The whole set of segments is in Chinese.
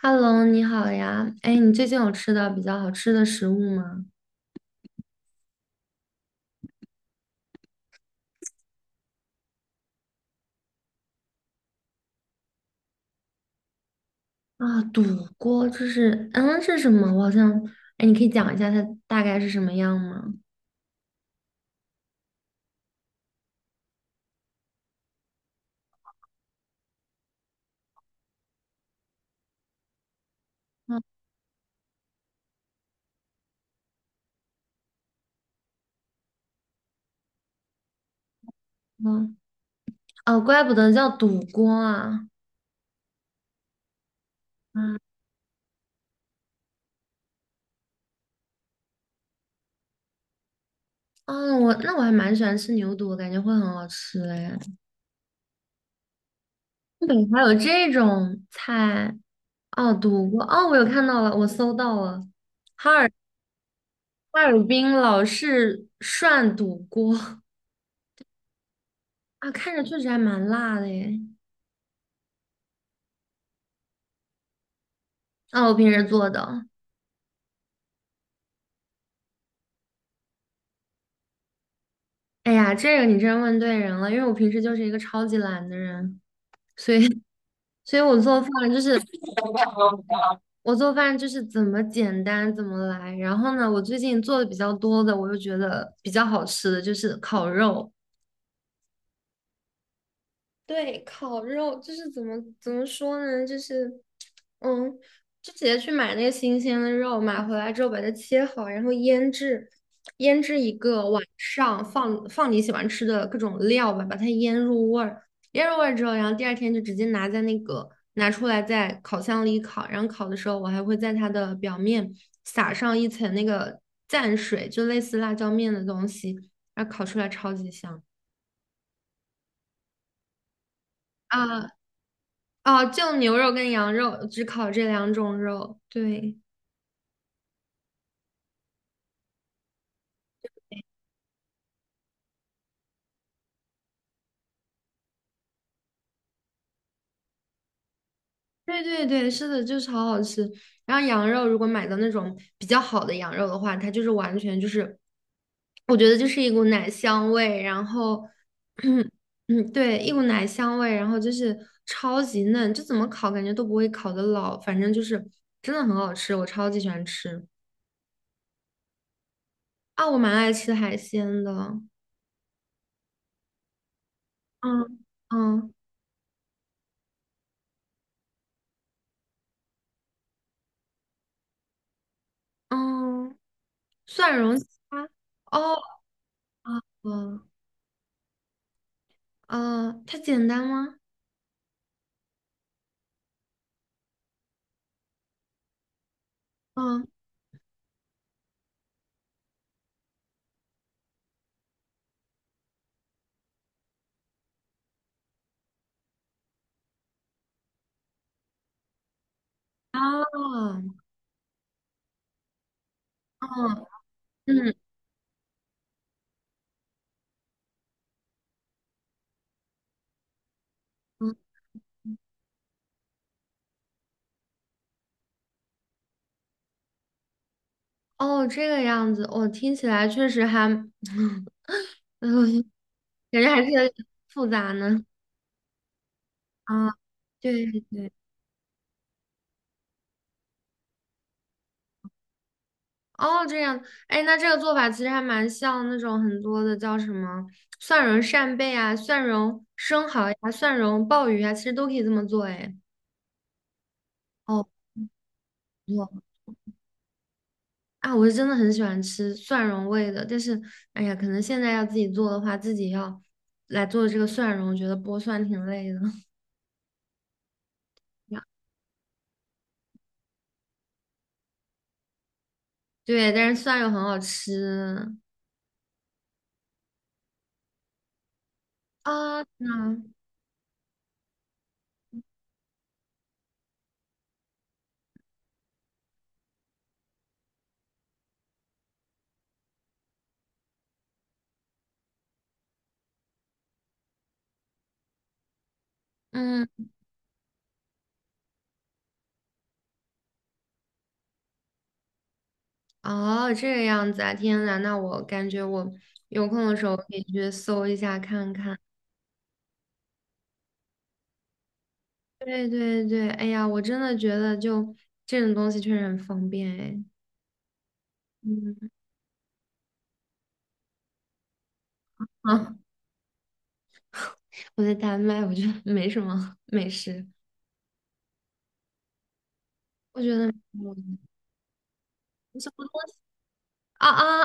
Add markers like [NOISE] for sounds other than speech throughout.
Hello，你好呀。哎，你最近有吃到比较好吃的食物吗？啊，肚锅这是，嗯，是什么？我好像，哎，你可以讲一下它大概是什么样吗？嗯嗯，哦，怪不得叫肚锅啊。嗯，哦，我那我还蛮喜欢吃牛肚，我感觉会很好吃哎。东北还有这种菜哦，肚锅哦，我有看到了，我搜到了，哈尔哈尔滨老式涮肚锅啊，看着确实还蛮辣的耶。啊，我平时做的。哎呀，这个你真问对人了，因为我平时就是一个超级懒的人，所以，[LAUGHS] 所以我做饭就是怎么简单怎么来。然后呢，我最近做的比较多的，我又觉得比较好吃的就是烤肉。对，烤肉就是怎么说呢？就是，嗯，就直接去买那个新鲜的肉，买回来之后把它切好，然后腌制，腌制一个晚上，放你喜欢吃的各种料吧，把它腌入味儿，腌入味儿之后，然后第二天就直接拿在那个拿出来在烤箱里烤，然后烤的时候我还会在它的表面撒上一层那个蘸水，就类似辣椒面的东西，然后烤出来超级香啊！哦，就牛肉跟羊肉，只烤这两种肉。对，对对对，是的，就超好吃。然后羊肉如果买到那种比较好的羊肉的话，它就是完全就是，我觉得就是一股奶香味，然后，[CLEARS THROAT] 嗯，对，一股奶香味，然后就是超级嫩，就怎么烤感觉都不会烤得老，反正就是真的很好吃，我超级喜欢吃。啊，我蛮爱吃海鲜的。嗯嗯嗯，蒜蓉虾。哦，啊哦哦，它简单吗？嗯哦哦嗯嗯哦，这个样子，我、听起来确实还，[LAUGHS] 嗯，感觉还是有点复杂呢。啊，对对对，哦，这样，哎，那这个做法其实还蛮像那种很多的叫什么蒜蓉扇贝啊、蒜蓉生蚝呀、蒜蓉鲍鱼啊，其实都可以这么做，哎。哦，不错啊，我是真的很喜欢吃蒜蓉味的，但是，哎呀，可能现在要自己做的话，自己要来做这个蒜蓉，我觉得剥蒜挺累的。[LAUGHS] 对，但是蒜又很好吃啊，那嗯，哦，这个样子啊，天呐，那我感觉我有空的时候可以去搜一下看看。对对对，哎呀，我真的觉得就这种东西确实很方便哎。嗯，[LAUGHS] 啊，我在丹麦，我觉得没什么 [LAUGHS] 美食，我觉得没有。啊啊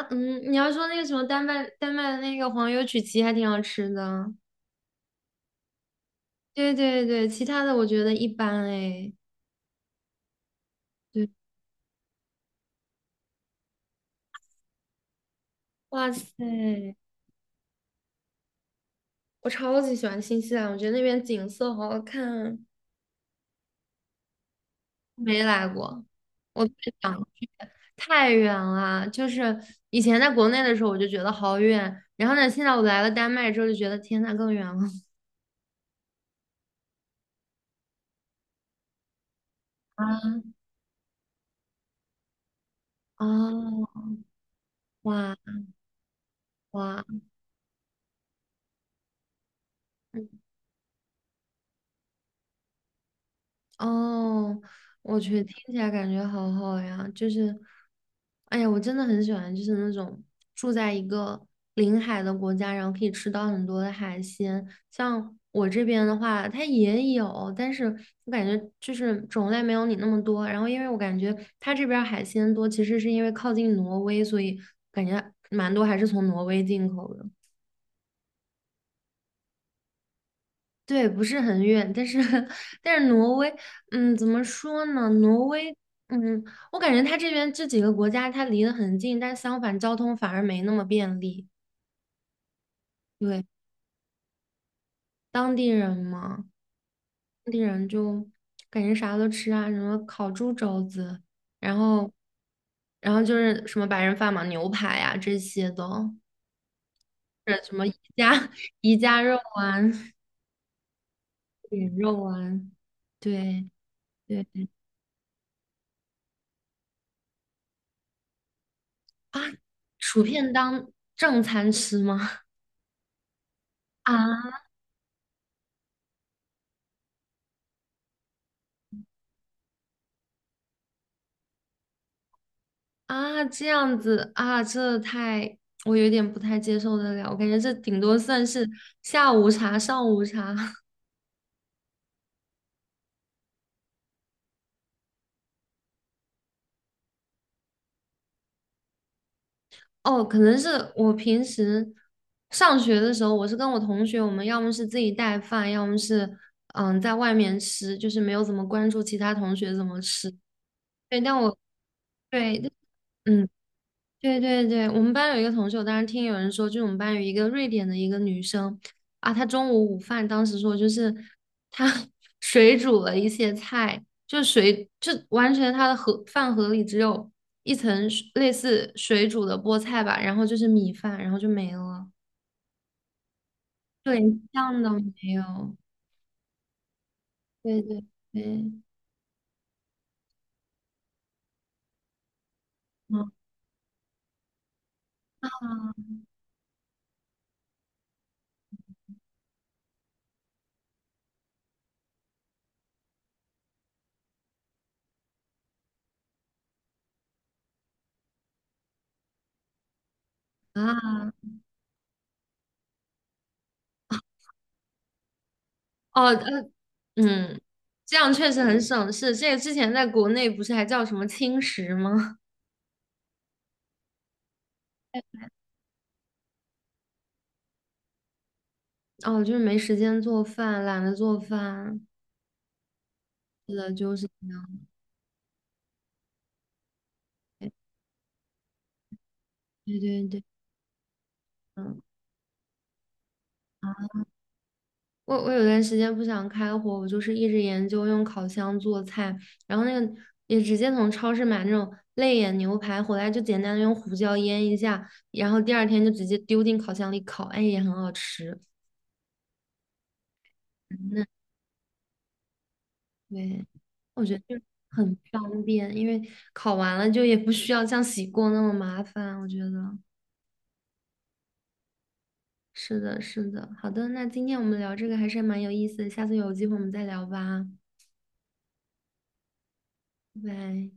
啊！嗯，你要说那个什么丹麦的那个黄油曲奇还挺好吃的，对对对，其他的我觉得一般哎。对，哇塞，我超级喜欢新西兰，我觉得那边景色好好看。没来过，我太想，太远了。就是以前在国内的时候，我就觉得好远，然后呢，现在我来了丹麦之后，就觉得天呐，更远了。啊，哦，哇哇！哦，我去，听起来感觉好好呀，就是，哎呀，我真的很喜欢，就是那种住在一个临海的国家，然后可以吃到很多的海鲜。像我这边的话，它也有，但是我感觉就是种类没有你那么多。然后，因为我感觉它这边儿海鲜多，其实是因为靠近挪威，所以感觉蛮多还是从挪威进口的。对，不是很远，但是 [LAUGHS] 但是挪威，嗯，怎么说呢？挪威，嗯，我感觉它这边这几个国家它离得很近，但相反交通反而没那么便利。对，当地人嘛，当地人就感觉啥都吃啊，什么烤猪肘子，然后然后就是什么白人饭嘛，牛排呀这些的，呃，什么宜家 [LAUGHS] 宜家肉丸、饼肉丸，对对啊，薯片当正餐吃吗？啊啊，这样子啊，这太，我有点不太接受得了。我感觉这顶多算是下午茶、上午茶。[LAUGHS] 哦，可能是我平时上学的时候，我是跟我同学，我们要么是自己带饭，要么是在外面吃，就是没有怎么关注其他同学怎么吃。对，但我对，嗯。对对对，我们班有一个同学，我当时听有人说，就是我们班有一个瑞典的一个女生啊，她中午午饭当时说就是她 [LAUGHS] 水煮了一些菜，就水就完全她的盒饭盒里只有一层水类似水煮的菠菜吧，然后就是米饭，然后就没了，对，一样都没有。对对对，嗯啊哦嗯，这样确实很省事。这个之前在国内不是还叫什么轻食吗？哦，就是没时间做饭，懒得做饭，是的，就是这样。对对对，嗯，我有段时间不想开火，我就是一直研究用烤箱做菜，然后那个也直接从超市买那种肋眼牛排回来，就简单的用胡椒腌一下，然后第二天就直接丢进烤箱里烤，哎，也很好吃。那对，我觉得就很方便，因为烤完了就也不需要像洗锅那么麻烦，我觉得。是的，是的。好的，那今天我们聊这个还是蛮有意思的，下次有机会我们再聊吧，拜拜。